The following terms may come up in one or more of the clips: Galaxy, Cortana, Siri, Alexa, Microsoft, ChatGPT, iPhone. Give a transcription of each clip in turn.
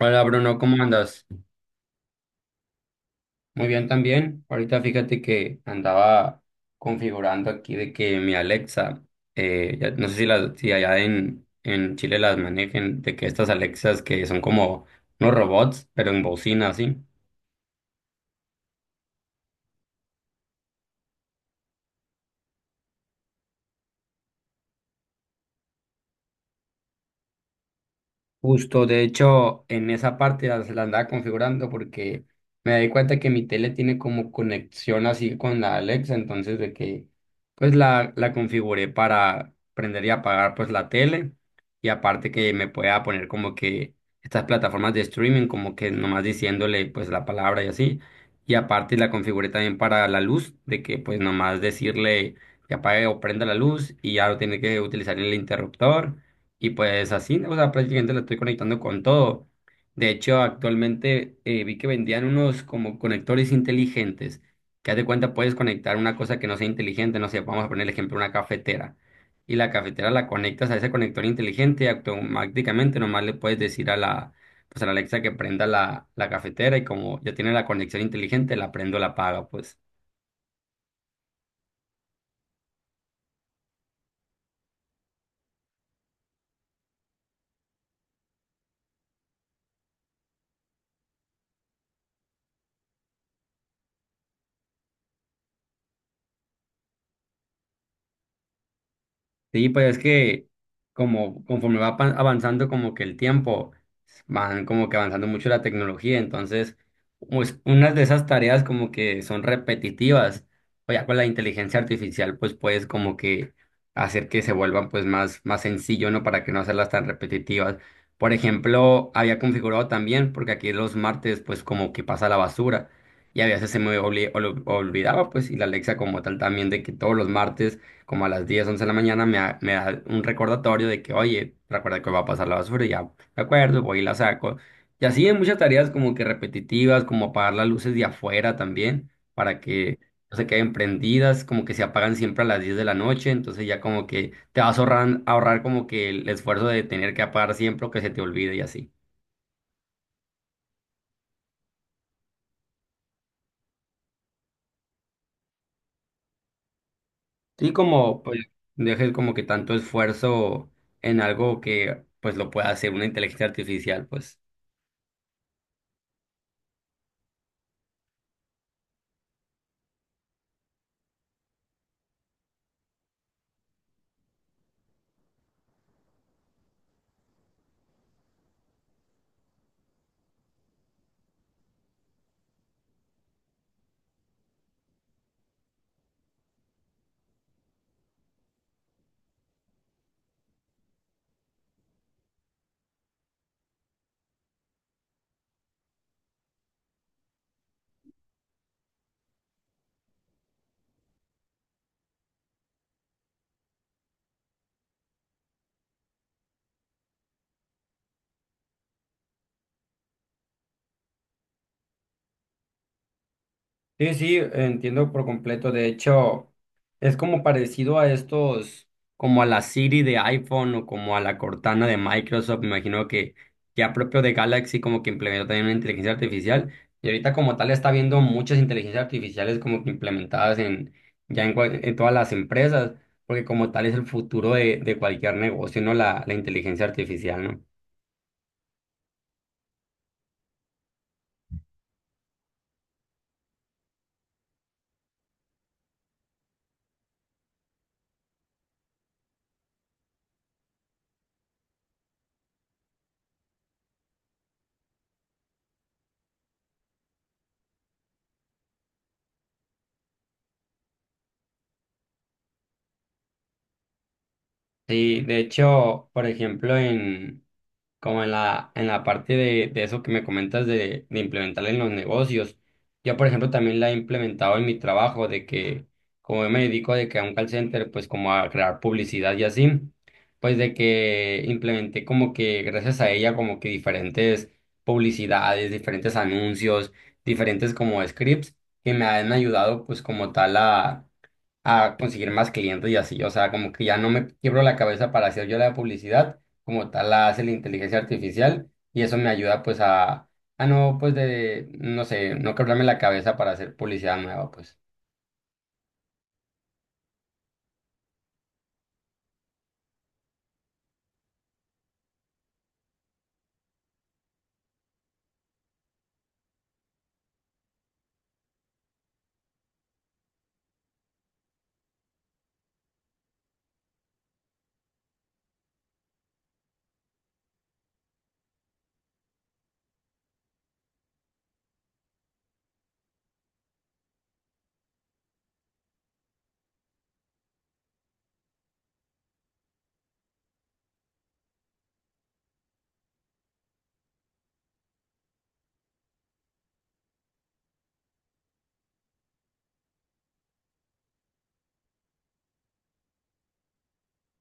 Hola Bruno, ¿cómo andas? Muy bien también. Ahorita fíjate que andaba configurando aquí de que mi Alexa, no sé si, las, si allá en, Chile las manejen, de que estas Alexas que son como unos robots, pero en bocina, así. Justo, de hecho, en esa parte la andaba configurando porque me di cuenta que mi tele tiene como conexión así con la Alexa, entonces de que pues la configuré para prender y apagar pues la tele y aparte que me pueda poner como que estas plataformas de streaming como que nomás diciéndole pues la palabra y así y aparte la configuré también para la luz de que pues nomás decirle que apague o prenda la luz y ya no tiene que utilizar el interruptor. Y pues así, o sea, prácticamente la estoy conectando con todo. De hecho, actualmente vi que vendían unos como conectores inteligentes, que haz de cuenta puedes conectar una cosa que no sea inteligente, no sé, vamos a poner el ejemplo, una cafetera. Y la cafetera la conectas a ese conector inteligente y automáticamente nomás le puedes decir a la, pues a la Alexa que prenda la cafetera y como ya tiene la conexión inteligente, la prendo, la apaga, pues. Sí, pues es que como conforme va avanzando como que el tiempo, van como que avanzando mucho la tecnología, entonces pues, unas de esas tareas como que son repetitivas, o ya con la inteligencia artificial pues puedes como que hacer que se vuelvan pues más, más sencillo, ¿no? Para que no hacerlas tan repetitivas. Por ejemplo, había configurado también, porque aquí los martes pues como que pasa la basura y a veces se me olvidaba pues y la Alexa como tal también de que todos los martes como a las 10 11 de la mañana me da un recordatorio de que, oye, recuerda que va a pasar la basura, y ya me acuerdo, voy y la saco. Y así hay muchas tareas como que repetitivas, como apagar las luces de afuera también, para que no se queden prendidas, como que se apagan siempre a las 10 de la noche, entonces ya como que te vas a ahorrar como que el esfuerzo de tener que apagar siempre o que se te olvide y así. Sí, como pues dejes como que tanto esfuerzo en algo que pues lo pueda hacer una inteligencia artificial, pues. Sí, sí, entiendo por completo. De hecho, es como parecido a estos, como a la Siri de iPhone o como a la Cortana de Microsoft. Me imagino que ya propio de Galaxy como que implementó también una inteligencia artificial. Y ahorita como tal está viendo muchas inteligencias artificiales como que implementadas en ya en, en todas las empresas, porque como tal es el futuro de cualquier negocio, ¿no? La inteligencia artificial, ¿no? Sí, de hecho, por ejemplo, en... como en la parte de eso que me comentas de implementar en los negocios. Yo, por ejemplo, también la he implementado en mi trabajo, de que como yo me dedico de que a un call center, pues como a crear publicidad y así, pues de que implementé como que gracias a ella como que diferentes publicidades, diferentes anuncios, diferentes como scripts que me han ayudado pues como tal a conseguir más clientes y así. O sea, como que ya no me quiebro la cabeza para hacer yo la publicidad como tal la hace la inteligencia artificial y eso me ayuda pues a no pues de, no sé, no quebrarme la cabeza para hacer publicidad nueva pues.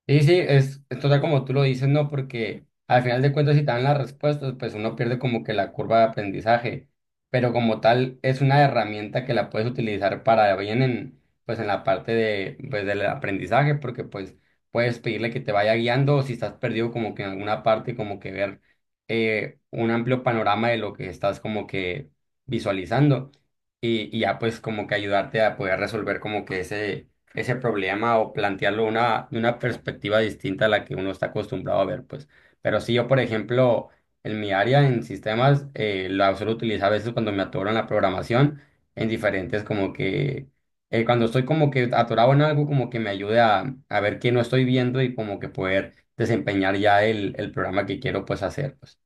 Sí, sí, es total como tú lo dices, ¿no? Porque al final de cuentas, si te dan las respuestas, pues uno pierde como que la curva de aprendizaje, pero como tal es una herramienta que la puedes utilizar para bien en, pues en la parte de, pues del aprendizaje, porque pues puedes pedirle que te vaya guiando o si estás perdido como que en alguna parte, como que ver un amplio panorama de lo que estás como que visualizando y ya pues como que ayudarte a poder resolver como que ese problema o plantearlo de una perspectiva distinta a la que uno está acostumbrado a ver, pues. Pero sí, yo, por ejemplo, en mi área en sistemas, la suelo utilizar a veces cuando me atoro en la programación, en diferentes como que, cuando estoy como que atorado en algo, como que me ayude a ver qué no estoy viendo y como que poder desempeñar ya el programa que quiero pues hacer, pues.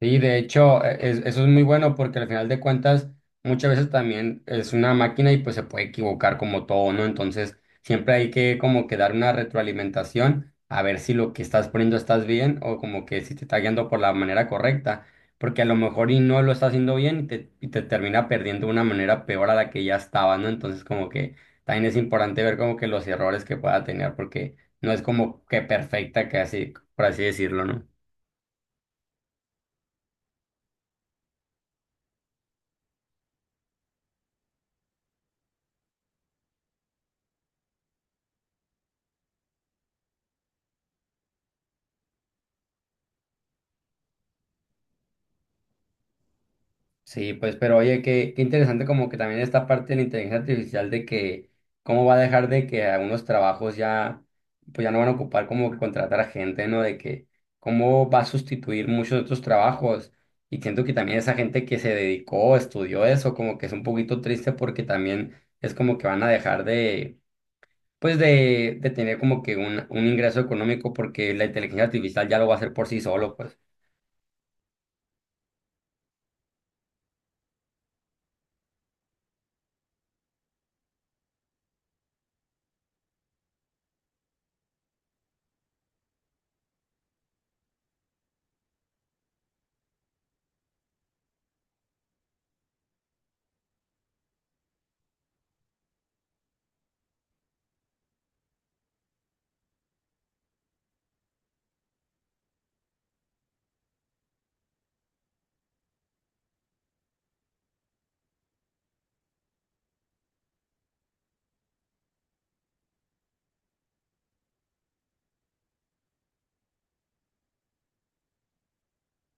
Sí, de hecho, eso es muy bueno porque al final de cuentas muchas veces también es una máquina y pues se puede equivocar como todo, ¿no? Entonces siempre hay que como que dar una retroalimentación a ver si lo que estás poniendo estás bien o como que si te está guiando por la manera correcta, porque a lo mejor y no lo está haciendo bien y te termina perdiendo de una manera peor a la que ya estaba, ¿no? Entonces como que también es importante ver como que los errores que pueda tener porque no es como que perfecta, que así, por así decirlo, ¿no? Sí, pues, pero oye, qué interesante como que también esta parte de la inteligencia artificial de que cómo va a dejar de que algunos trabajos ya, pues ya no van a ocupar como que contratar a gente, ¿no? De que cómo va a sustituir muchos de otros trabajos. Y siento que también esa gente que se dedicó, estudió eso, como que es un poquito triste porque también es como que van a dejar de, pues de tener como que un ingreso económico porque la inteligencia artificial ya lo va a hacer por sí solo, pues.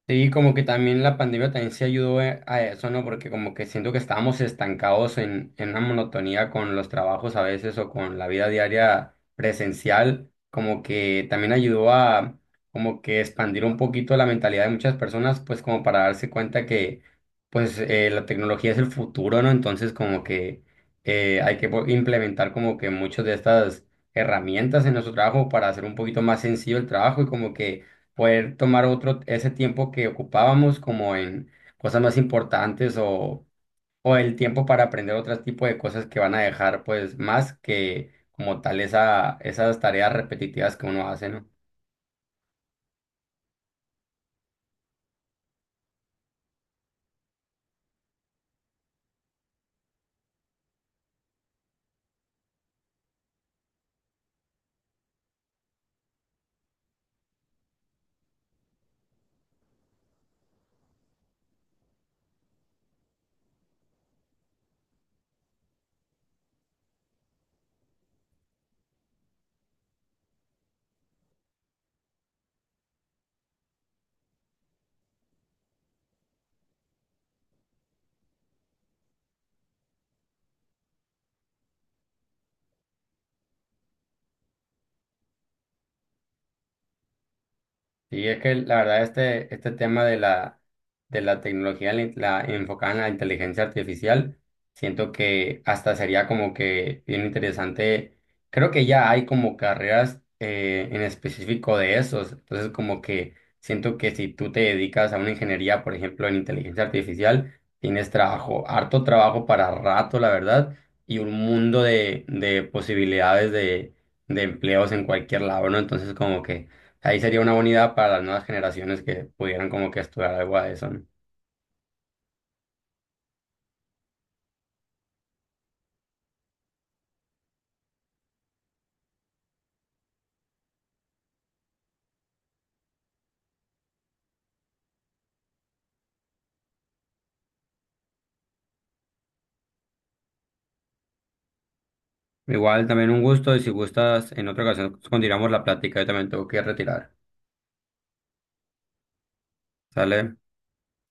Sí, como que también la pandemia también se ayudó a eso, ¿no? Porque como que siento que estábamos estancados en una monotonía con los trabajos a veces o con la vida diaria presencial, como que también ayudó a como que expandir un poquito la mentalidad de muchas personas, pues como para darse cuenta que pues la tecnología es el futuro, ¿no? Entonces como que hay que implementar como que muchas de estas herramientas en nuestro trabajo para hacer un poquito más sencillo el trabajo y como que poder tomar otro, ese tiempo que ocupábamos como en cosas más importantes o el tiempo para aprender otro tipo de cosas que van a dejar pues más que como tal esa, esas tareas repetitivas que uno hace, ¿no? Sí, es que la verdad este, este tema de de la tecnología enfocada en la inteligencia artificial, siento que hasta sería como que bien interesante. Creo que ya hay como carreras en específico de esos. Entonces como que siento que si tú te dedicas a una ingeniería, por ejemplo, en inteligencia artificial, tienes trabajo, harto trabajo para rato, la verdad, y un mundo de posibilidades de empleos en cualquier lado, ¿no? Entonces como que... Ahí sería una buena idea para las nuevas generaciones que pudieran como que estudiar algo a eso, ¿no? Igual también un gusto y si gustas, en otra ocasión continuamos la plática, yo también tengo que retirar. ¿Sale?